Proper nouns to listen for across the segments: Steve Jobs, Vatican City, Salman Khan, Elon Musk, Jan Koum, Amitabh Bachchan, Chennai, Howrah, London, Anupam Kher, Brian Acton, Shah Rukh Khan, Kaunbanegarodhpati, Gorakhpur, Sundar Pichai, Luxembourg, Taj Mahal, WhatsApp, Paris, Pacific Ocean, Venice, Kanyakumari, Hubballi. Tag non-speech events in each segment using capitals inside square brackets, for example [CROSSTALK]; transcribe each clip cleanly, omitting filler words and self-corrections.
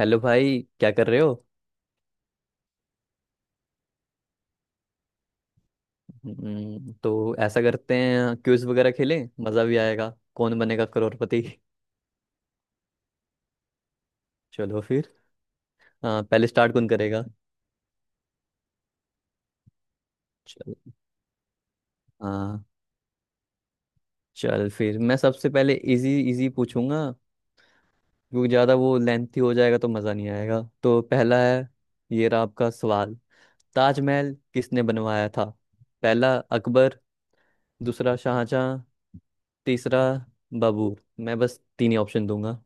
Hello भाई, क्या कर रहे हो? तो ऐसा करते हैं क्विज वगैरह खेलें, मज़ा भी आएगा। कौन बनेगा करोड़पति। [LAUGHS] चलो फिर। हाँ, पहले स्टार्ट कौन करेगा? चल। हाँ। चल फिर मैं सबसे पहले इजी इजी पूछूंगा, क्योंकि ज़्यादा वो लेंथी हो जाएगा तो मज़ा नहीं आएगा। तो पहला है, ये रहा आपका सवाल। ताजमहल किसने बनवाया था? पहला अकबर। दूसरा शाहजहां। तीसरा बाबर। मैं बस तीन ही ऑप्शन दूंगा।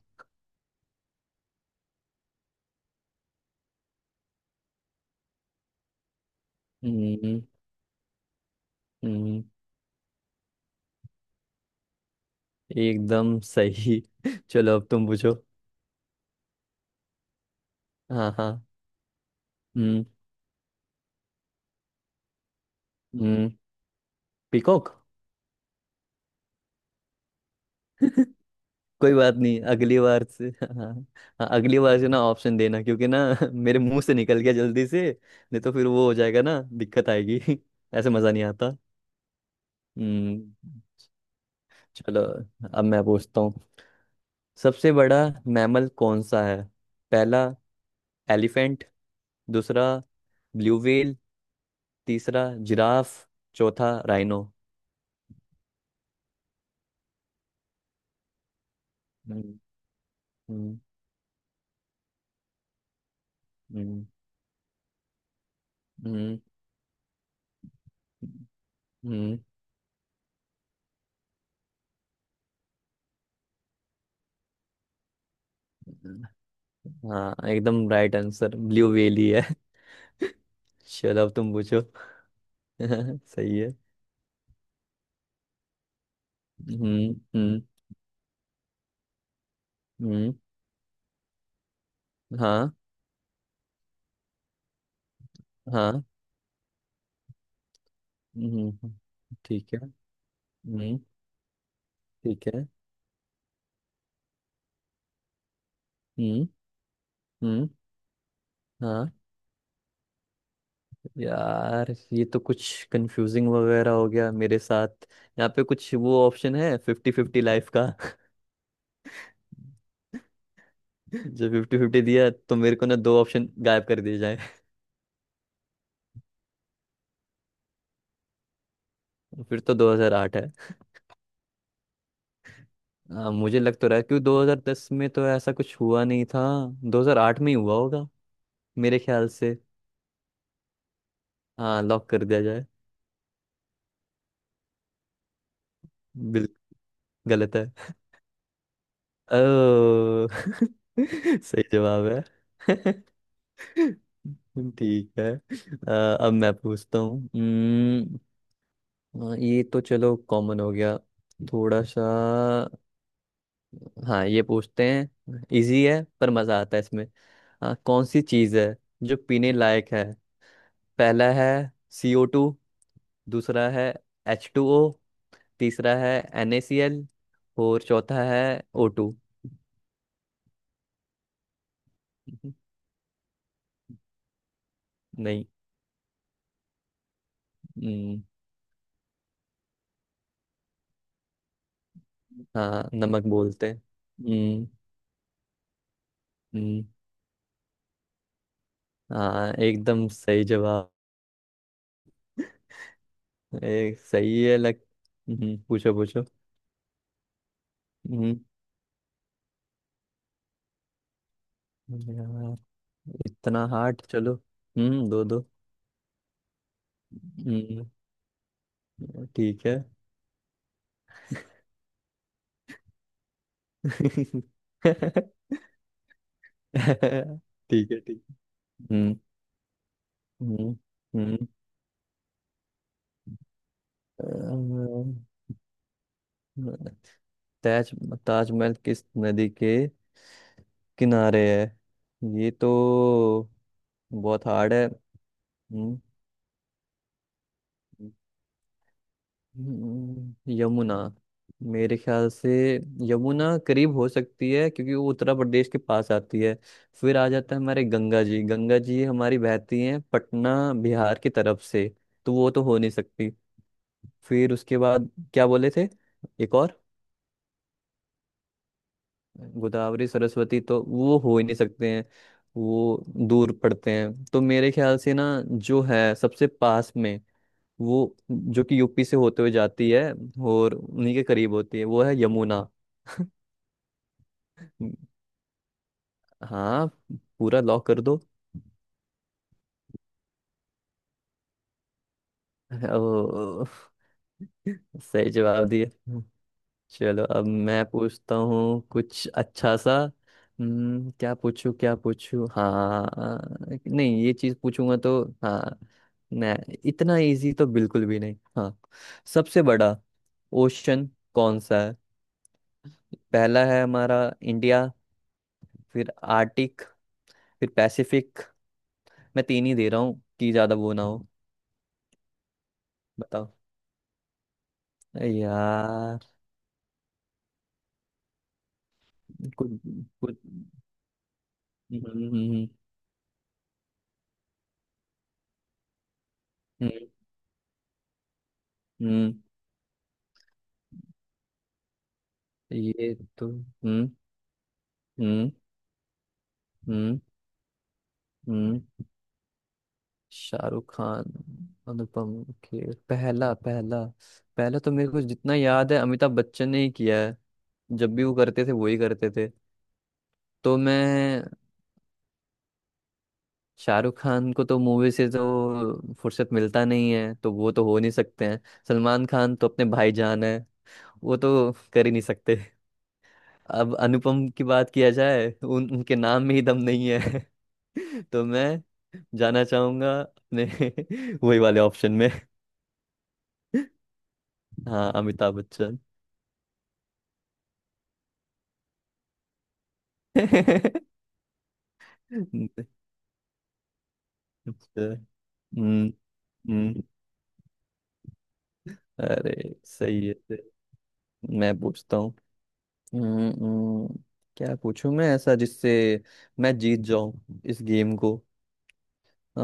हम्म, एकदम सही। [LAUGHS] चलो अब तुम पूछो। हाँ, हाँ। हम्म। हम्म। पीकॉक। कोई बात नहीं, अगली बार से [LAUGHS] हाँ। हाँ, अगली बार से ना ऑप्शन देना, क्योंकि ना [LAUGHS] मेरे मुंह से निकल गया जल्दी से। नहीं तो फिर वो हो जाएगा ना, दिक्कत आएगी [LAUGHS] ऐसे मजा नहीं आता। हम्म। चलो अब मैं पूछता हूँ। सबसे बड़ा मैमल कौन सा है? पहला एलिफेंट। दूसरा ब्लू व्हेल। तीसरा जिराफ। चौथा राइनो। हम्म। हम्म। हम्म। हम्म। हम्म, हाँ एकदम राइट आंसर ब्लू वेली है। [LAUGHS] चलो अब तुम पूछो। [LAUGHS] सही है। हम्म। हम्म। हम्म। हाँ, हाँ। हम्म, ठीक है। हम्म, ठीक है। हम्म। हम्म। हाँ, यार ये तो कुछ कंफ्यूजिंग वगैरह हो गया मेरे साथ। यहाँ पे कुछ वो ऑप्शन है फिफ्टी फिफ्टी लाइफ का [LAUGHS] जो फिफ्टी फिफ्टी दिया तो मेरे को ना दो ऑप्शन गायब कर दिए जाए। [LAUGHS] फिर तो 2008। मुझे लग तो रहा है क्योंकि 2010 में तो ऐसा कुछ हुआ नहीं था। 2008 में ही हुआ होगा मेरे ख्याल से। हाँ, लॉक कर दिया जाए। बिल्कुल। गलत है। ओ [LAUGHS] सही जवाब है। [LAUGHS] ठीक है। अब मैं पूछता हूँ। ये तो चलो कॉमन हो गया, थोड़ा सा। हाँ, ये पूछते हैं, इजी है पर मजा आता है इसमें। कौन सी चीज है जो पीने लायक है? पहला है CO2। दूसरा है एच टू ओ। तीसरा है एन ए सी एल। और चौथा है ओ टू। नहीं। हम्म, हाँ, नमक बोलते हैं। हम्म, हम्म, हाँ एकदम सही जवाब। एक सही है लग। पूछो पूछो। हम्म। यार, इतना हार्ड। चलो, दो दो। हम्म, ठीक है। [LAUGHS] ठीक है, ठीक है। हम्म। हम्म। हम्म, अ, ताज ताजमहल किस नदी के किनारे है? ये तो बहुत हार्ड है। हम्म। यमुना मेरे ख्याल से। यमुना करीब हो सकती है, क्योंकि वो उत्तर प्रदेश के पास आती है। फिर आ जाता है हमारे गंगा जी। गंगा जी हमारी बहती हैं पटना, बिहार की तरफ से। तो वो तो हो नहीं सकती। फिर उसके बाद क्या बोले थे, एक और? गोदावरी, सरस्वती तो वो हो ही नहीं सकते हैं। वो दूर पड़ते हैं, तो मेरे ख्याल से ना, जो है सबसे पास में, वो जो कि यूपी से होते हुए जाती है और उन्हीं के करीब होती है, वो है यमुना। हाँ, पूरा लॉक कर दो। ओ, सही जवाब दिए। चलो अब मैं पूछता हूँ कुछ अच्छा सा। हम्म, क्या पूछूं, क्या पूछूं। हाँ, नहीं ये चीज पूछूंगा तो। हाँ, नहीं इतना इजी तो बिल्कुल भी नहीं। हाँ, सबसे बड़ा ओशन कौन सा है? पहला है हमारा इंडिया। फिर आर्टिक। फिर पैसिफिक। मैं तीन ही दे रहा हूँ कि ज्यादा वो ना हो। बताओ। अरे यार। कुछ कुछ। हम्म। हम्म। हम्म। हम्म। हम्म। ये तो हम्म। हम्म। हम्म। हम्म। शाहरुख खान, अनुपम खेर पहला पहला। पहला तो मेरे को जितना याद है अमिताभ बच्चन ने ही किया है। जब भी वो करते थे वो ही करते थे। तो मैं, शाहरुख खान को तो मूवी से तो फुर्सत मिलता नहीं है, तो वो तो हो नहीं सकते हैं। सलमान खान तो अपने भाईजान है, वो तो कर ही नहीं सकते। अब अनुपम की बात किया जाए, उन उनके नाम में ही दम नहीं है। [LAUGHS] तो मैं जाना चाहूंगा अपने [LAUGHS] वही वाले ऑप्शन में। हाँ, अमिताभ बच्चन। अच्छा। हम्म। हम्म। अरे, सही है सही। मैं पूछता हूँ। हम्म। हम्म। क्या पूछूं मैं ऐसा जिससे मैं जीत जाऊं इस गेम को? आ,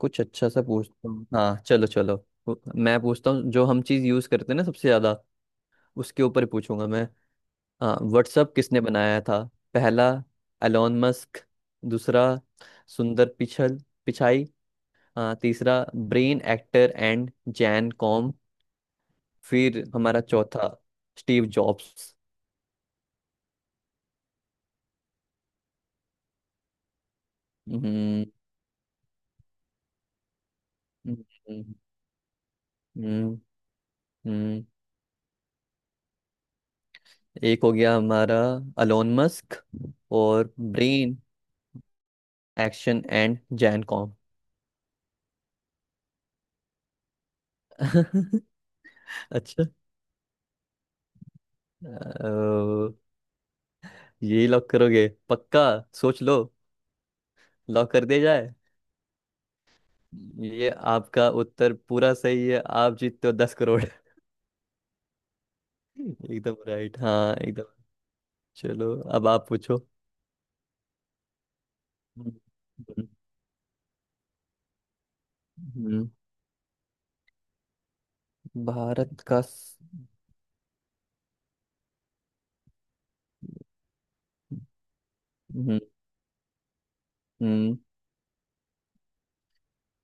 कुछ अच्छा सा पूछता हूँ। हाँ, चलो चलो। मैं पूछता हूँ, जो हम चीज यूज करते हैं ना सबसे ज्यादा उसके ऊपर पूछूंगा मैं। हाँ, व्हाट्सअप किसने बनाया था? पहला एलोन मस्क। दूसरा सुंदर पिछल पिचाई। हाँ, तीसरा Brian Acton and Jan Koum. फिर हमारा चौथा स्टीव जॉब्स। हम्म। हम्म। हम्म। हम्म। एक हो गया हमारा अलोन मस्क। और Brian Acton and Jan com. [LAUGHS] अच्छा। अ, ये लॉक करोगे पक्का? सोच लो। लॉक कर दिया जाए। ये आपका उत्तर पूरा सही है। आप जीतते हो 10 करोड़ [LAUGHS] एकदम राइट। हाँ, एकदम। चलो अब आप पूछो। हम्म। हम्म, भारत का स- हम्म। हम्म।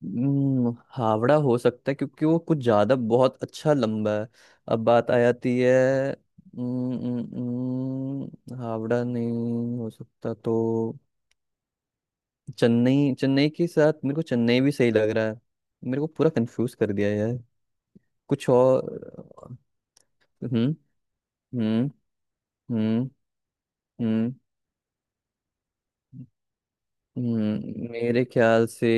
हावड़ा हो सकता है क्योंकि वो कुछ ज्यादा बहुत अच्छा लंबा है। अब बात आ जाती है। हम्म। हम्म। हावड़ा नहीं हो सकता। तो चेन्नई, चेन्नई के साथ मेरे को चेन्नई भी सही लग रहा है। मेरे को पूरा कंफ्यूज कर दिया यार। कुछ और। हम्म। हम्म। हम्म। हम्म। मेरे ख्याल से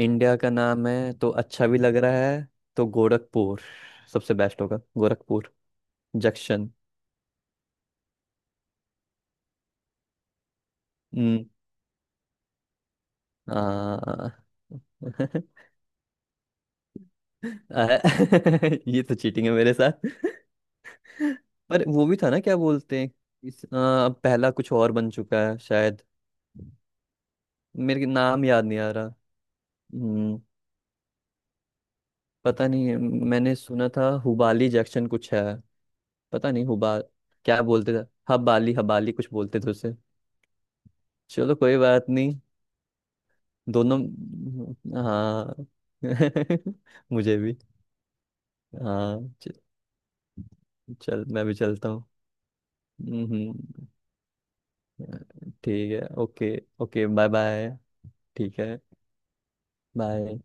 इंडिया का नाम है तो अच्छा भी लग रहा है, तो गोरखपुर सबसे बेस्ट होगा, गोरखपुर जंक्शन। हम्म। आ, [LAUGHS] आ- [LAUGHS] ये तो चीटिंग है मेरे साथ [LAUGHS] पर वो भी था ना, क्या बोलते हैं। अब पहला कुछ और बन चुका है शायद। मेरे को नाम याद नहीं आ रहा। हम्म। पता नहीं। मैंने सुना था हुबाली जंक्शन कुछ है। पता नहीं, हुबा क्या बोलते थे। हबाली हबाली कुछ बोलते थे उसे। चलो, कोई बात नहीं। दोनों। हाँ। [LAUGHS] मुझे भी। हाँ चल मैं भी चलता हूँ। हम्म। हम्म। ठीक है, ओके। Okay bye bye. ठीक है। बाय।